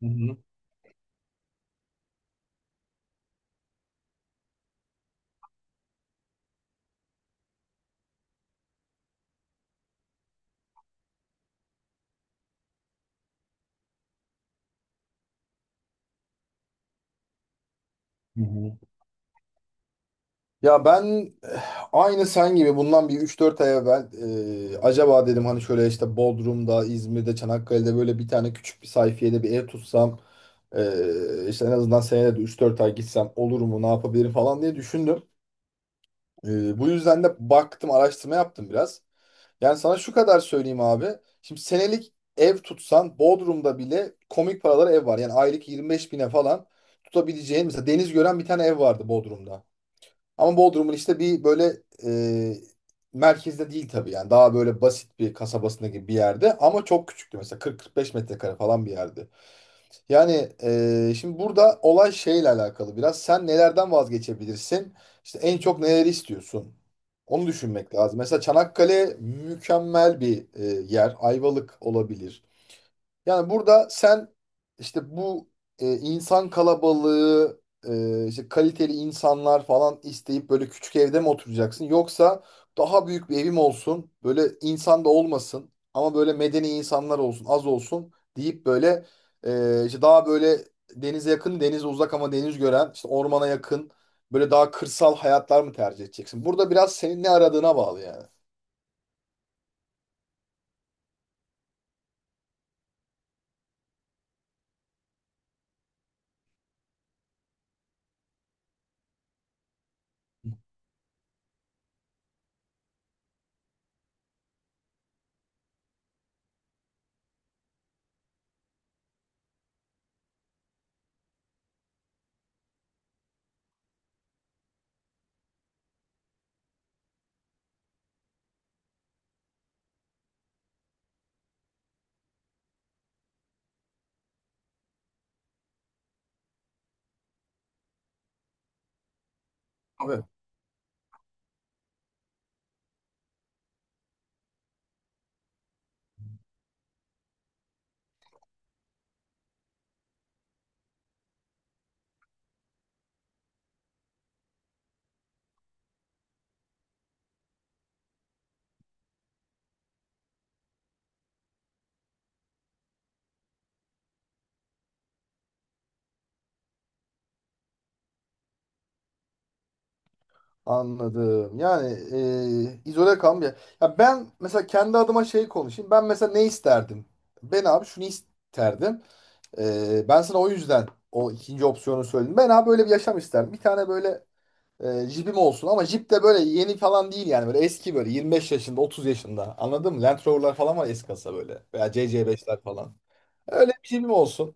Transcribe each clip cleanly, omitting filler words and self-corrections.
Hı hı, hı hı. Ya ben aynı sen gibi bundan bir üç dört ay evvel acaba dedim hani şöyle işte Bodrum'da, İzmir'de, Çanakkale'de böyle bir tane küçük bir sayfiyede bir ev tutsam işte en azından senede de üç dört ay gitsem olur mu ne yapabilirim falan diye düşündüm. Eh, Bu yüzden de baktım araştırma yaptım biraz. Yani sana şu kadar söyleyeyim abi. Şimdi senelik ev tutsan Bodrum'da bile komik paralara ev var. Yani aylık 25 bine falan tutabileceğin mesela deniz gören bir tane ev vardı Bodrum'da. Ama Bodrum'un işte bir böyle e, merkezde değil tabii yani daha böyle basit bir kasabasında gibi bir yerde ama çok küçüktü mesela 40-45 metrekare falan bir yerdi. Yani şimdi burada olay şeyle alakalı biraz sen nelerden vazgeçebilirsin işte en çok neleri istiyorsun onu düşünmek lazım. Mesela Çanakkale mükemmel bir yer, Ayvalık olabilir. Yani burada sen işte bu insan kalabalığı, işte kaliteli insanlar falan isteyip böyle küçük evde mi oturacaksın? Yoksa daha büyük bir evim olsun, böyle insan da olmasın ama böyle medeni insanlar olsun, az olsun deyip böyle işte daha böyle denize yakın, denize uzak ama deniz gören, işte ormana yakın, böyle daha kırsal hayatlar mı tercih edeceksin? Burada biraz senin ne aradığına bağlı yani. Anladım. Yani izole kalmıyor. Ya ben mesela kendi adıma şey konuşayım. Ben mesela ne isterdim? Ben abi şunu isterdim. Ben sana o yüzden o ikinci opsiyonu söyledim. Ben abi böyle bir yaşam isterdim. Bir tane böyle jipim olsun ama jip de böyle yeni falan değil yani. Böyle eski böyle 25 yaşında 30 yaşında, anladın mı? Land Rover'lar falan var eski kasa böyle. Veya CC5'ler falan. Öyle bir jipim olsun.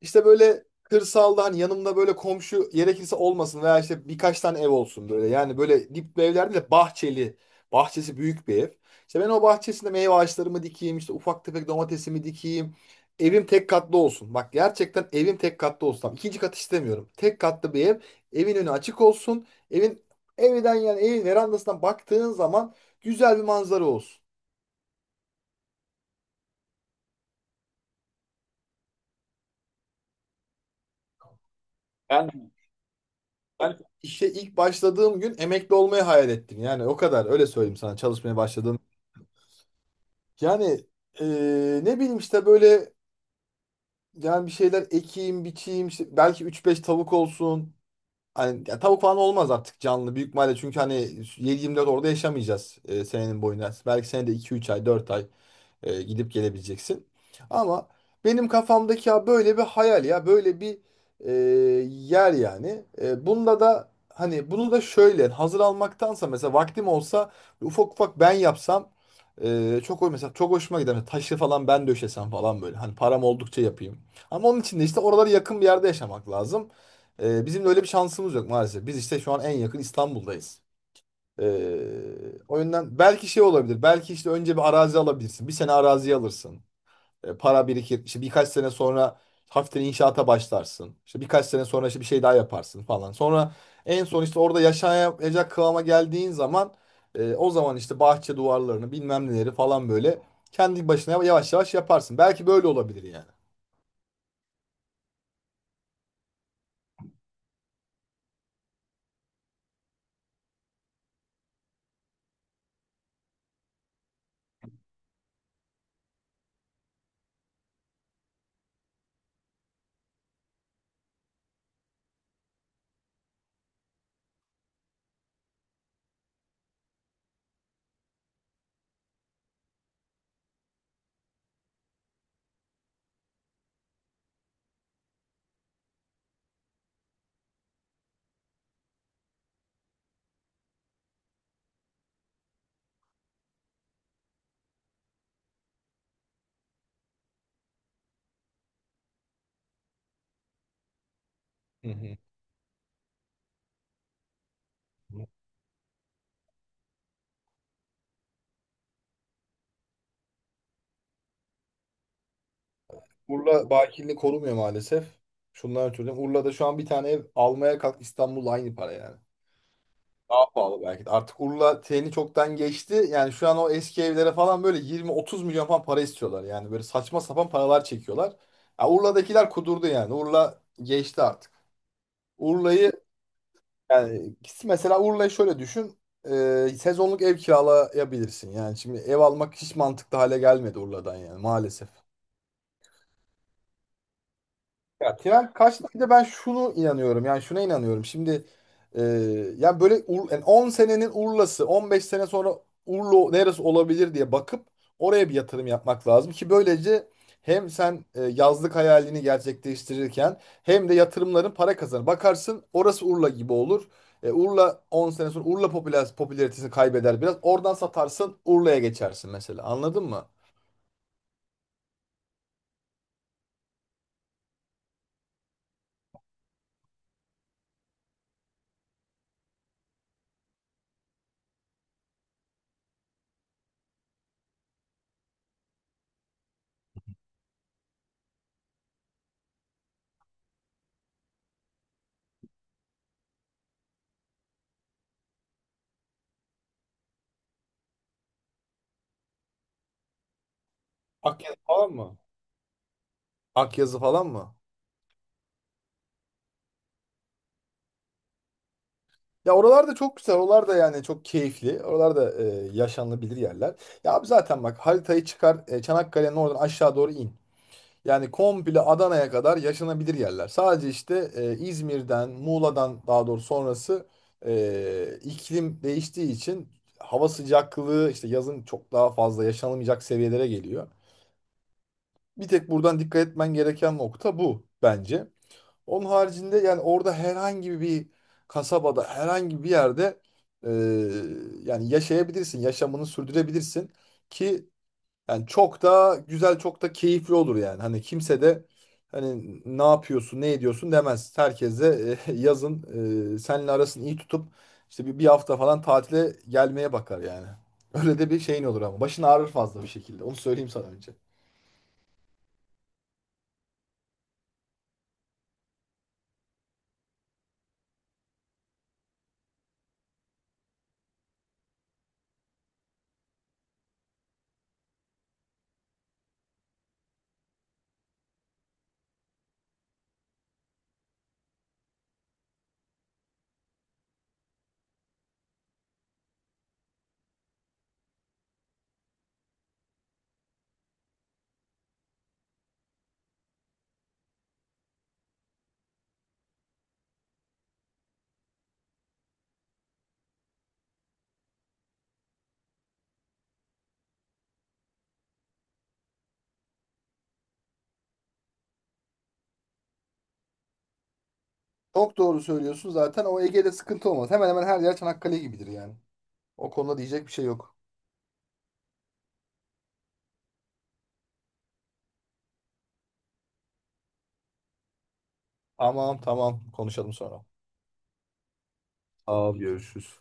İşte böyle kırsalda hani yanımda böyle komşu gerekirse olmasın veya işte birkaç tane ev olsun böyle. Yani böyle dip bir evlerde de bahçeli. Bahçesi büyük bir ev. İşte ben o bahçesinde meyve ağaçlarımı dikeyim, işte ufak tefek domatesimi dikeyim. Evim tek katlı olsun. Bak, gerçekten evim tek katlı olsun. Tamam, İkinci kat istemiyorum. Tek katlı bir ev. Evin önü açık olsun. Evin, evden yani evin verandasından baktığın zaman güzel bir manzara olsun. Ben Ben işe ilk başladığım gün emekli olmayı hayal ettim. Yani o kadar, öyle söyleyeyim sana çalışmaya başladığım. Yani ne bileyim işte böyle yani bir şeyler ekeyim, biçeyim, işte belki üç beş tavuk olsun. Hani ya tavuk falan olmaz artık canlı büyük ihtimalle çünkü hani 7-24 orada yaşamayacağız senenin boyunca. Belki senede iki üç ay, 4 ay. Gidip gelebileceksin. Ama benim kafamdaki ya böyle bir hayal ya böyle bir e, yer yani. Bunda da hani bunu da şöyle hazır almaktansa mesela vaktim olsa ufak ufak ben yapsam çok hoş, mesela çok hoşuma gider. Hani taşı falan ben döşesem falan böyle. Hani param oldukça yapayım. Ama onun için de işte oralara yakın bir yerde yaşamak lazım. Bizim de öyle bir şansımız yok maalesef. Biz işte şu an en yakın İstanbul'dayız. O yüzden belki şey olabilir. Belki işte önce bir arazi alabilirsin. Bir sene arazi alırsın. Para birikir. İşte birkaç sene sonra hafiften inşaata başlarsın. İşte birkaç sene sonra işte bir şey daha yaparsın falan. Sonra en son işte orada yaşayacak kıvama geldiğin zaman o zaman işte bahçe duvarlarını bilmem neleri falan böyle kendi başına yavaş yavaş yaparsın. Belki böyle olabilir yani. Hı hı. Urla bakirliği korumuyor maalesef. Şundan ötürü: Urla'da şu an bir tane ev almaya kalk, İstanbul'la aynı para yani. Daha pahalı belki de. Artık Urla treni çoktan geçti. Yani şu an o eski evlere falan böyle 20-30 milyon falan para istiyorlar. Yani böyle saçma sapan paralar çekiyorlar. Ya Urla'dakiler kudurdu yani. Urla geçti artık. Urla'yı, yani mesela Urla'yı şöyle düşün. Sezonluk ev kiralayabilirsin. Yani şimdi ev almak hiç mantıklı hale gelmedi Urla'dan yani maalesef. Ya tren kaçtı. Bir de ben şunu inanıyorum. Yani şuna inanıyorum. Şimdi e, yani böyle yani 10 senenin Urla'sı, 15 sene sonra Urla neresi olabilir diye bakıp oraya bir yatırım yapmak lazım ki böylece hem sen yazlık hayalini gerçekleştirirken hem de yatırımların para kazanır. Bakarsın orası Urla gibi olur. Urla 10 sene sonra, Urla popüler, popülaritesini kaybeder biraz. Oradan satarsın, Urla'ya geçersin mesela. Anladın mı? Akyazı falan mı? Akyazı falan mı? Ya oralar da çok güzel. Oralar da yani çok keyifli. Oralar da yaşanılabilir yerler. Ya abi zaten bak, haritayı çıkar, Çanakkale'nin oradan aşağı doğru in. Yani komple Adana'ya kadar yaşanabilir yerler. Sadece işte İzmir'den, Muğla'dan daha doğru sonrası iklim değiştiği için hava sıcaklığı işte yazın çok daha fazla yaşanılmayacak seviyelere geliyor. Bir tek buradan dikkat etmen gereken nokta bu bence. Onun haricinde yani orada herhangi bir kasabada, herhangi bir yerde e, yani yaşayabilirsin, yaşamını sürdürebilirsin ki yani çok da güzel, çok da keyifli olur yani. Hani kimse de hani ne yapıyorsun, ne ediyorsun demez. Herkes de yazın seninle arasını iyi tutup işte bir hafta falan tatile gelmeye bakar yani. Öyle de bir şeyin olur ama. Başın ağrır fazla bir şekilde. Onu söyleyeyim sana önce. Çok doğru söylüyorsun zaten. O, Ege'de sıkıntı olmaz. Hemen hemen her yer Çanakkale gibidir yani. O konuda diyecek bir şey yok. Aman tamam, konuşalım sonra. Abi görüşürüz.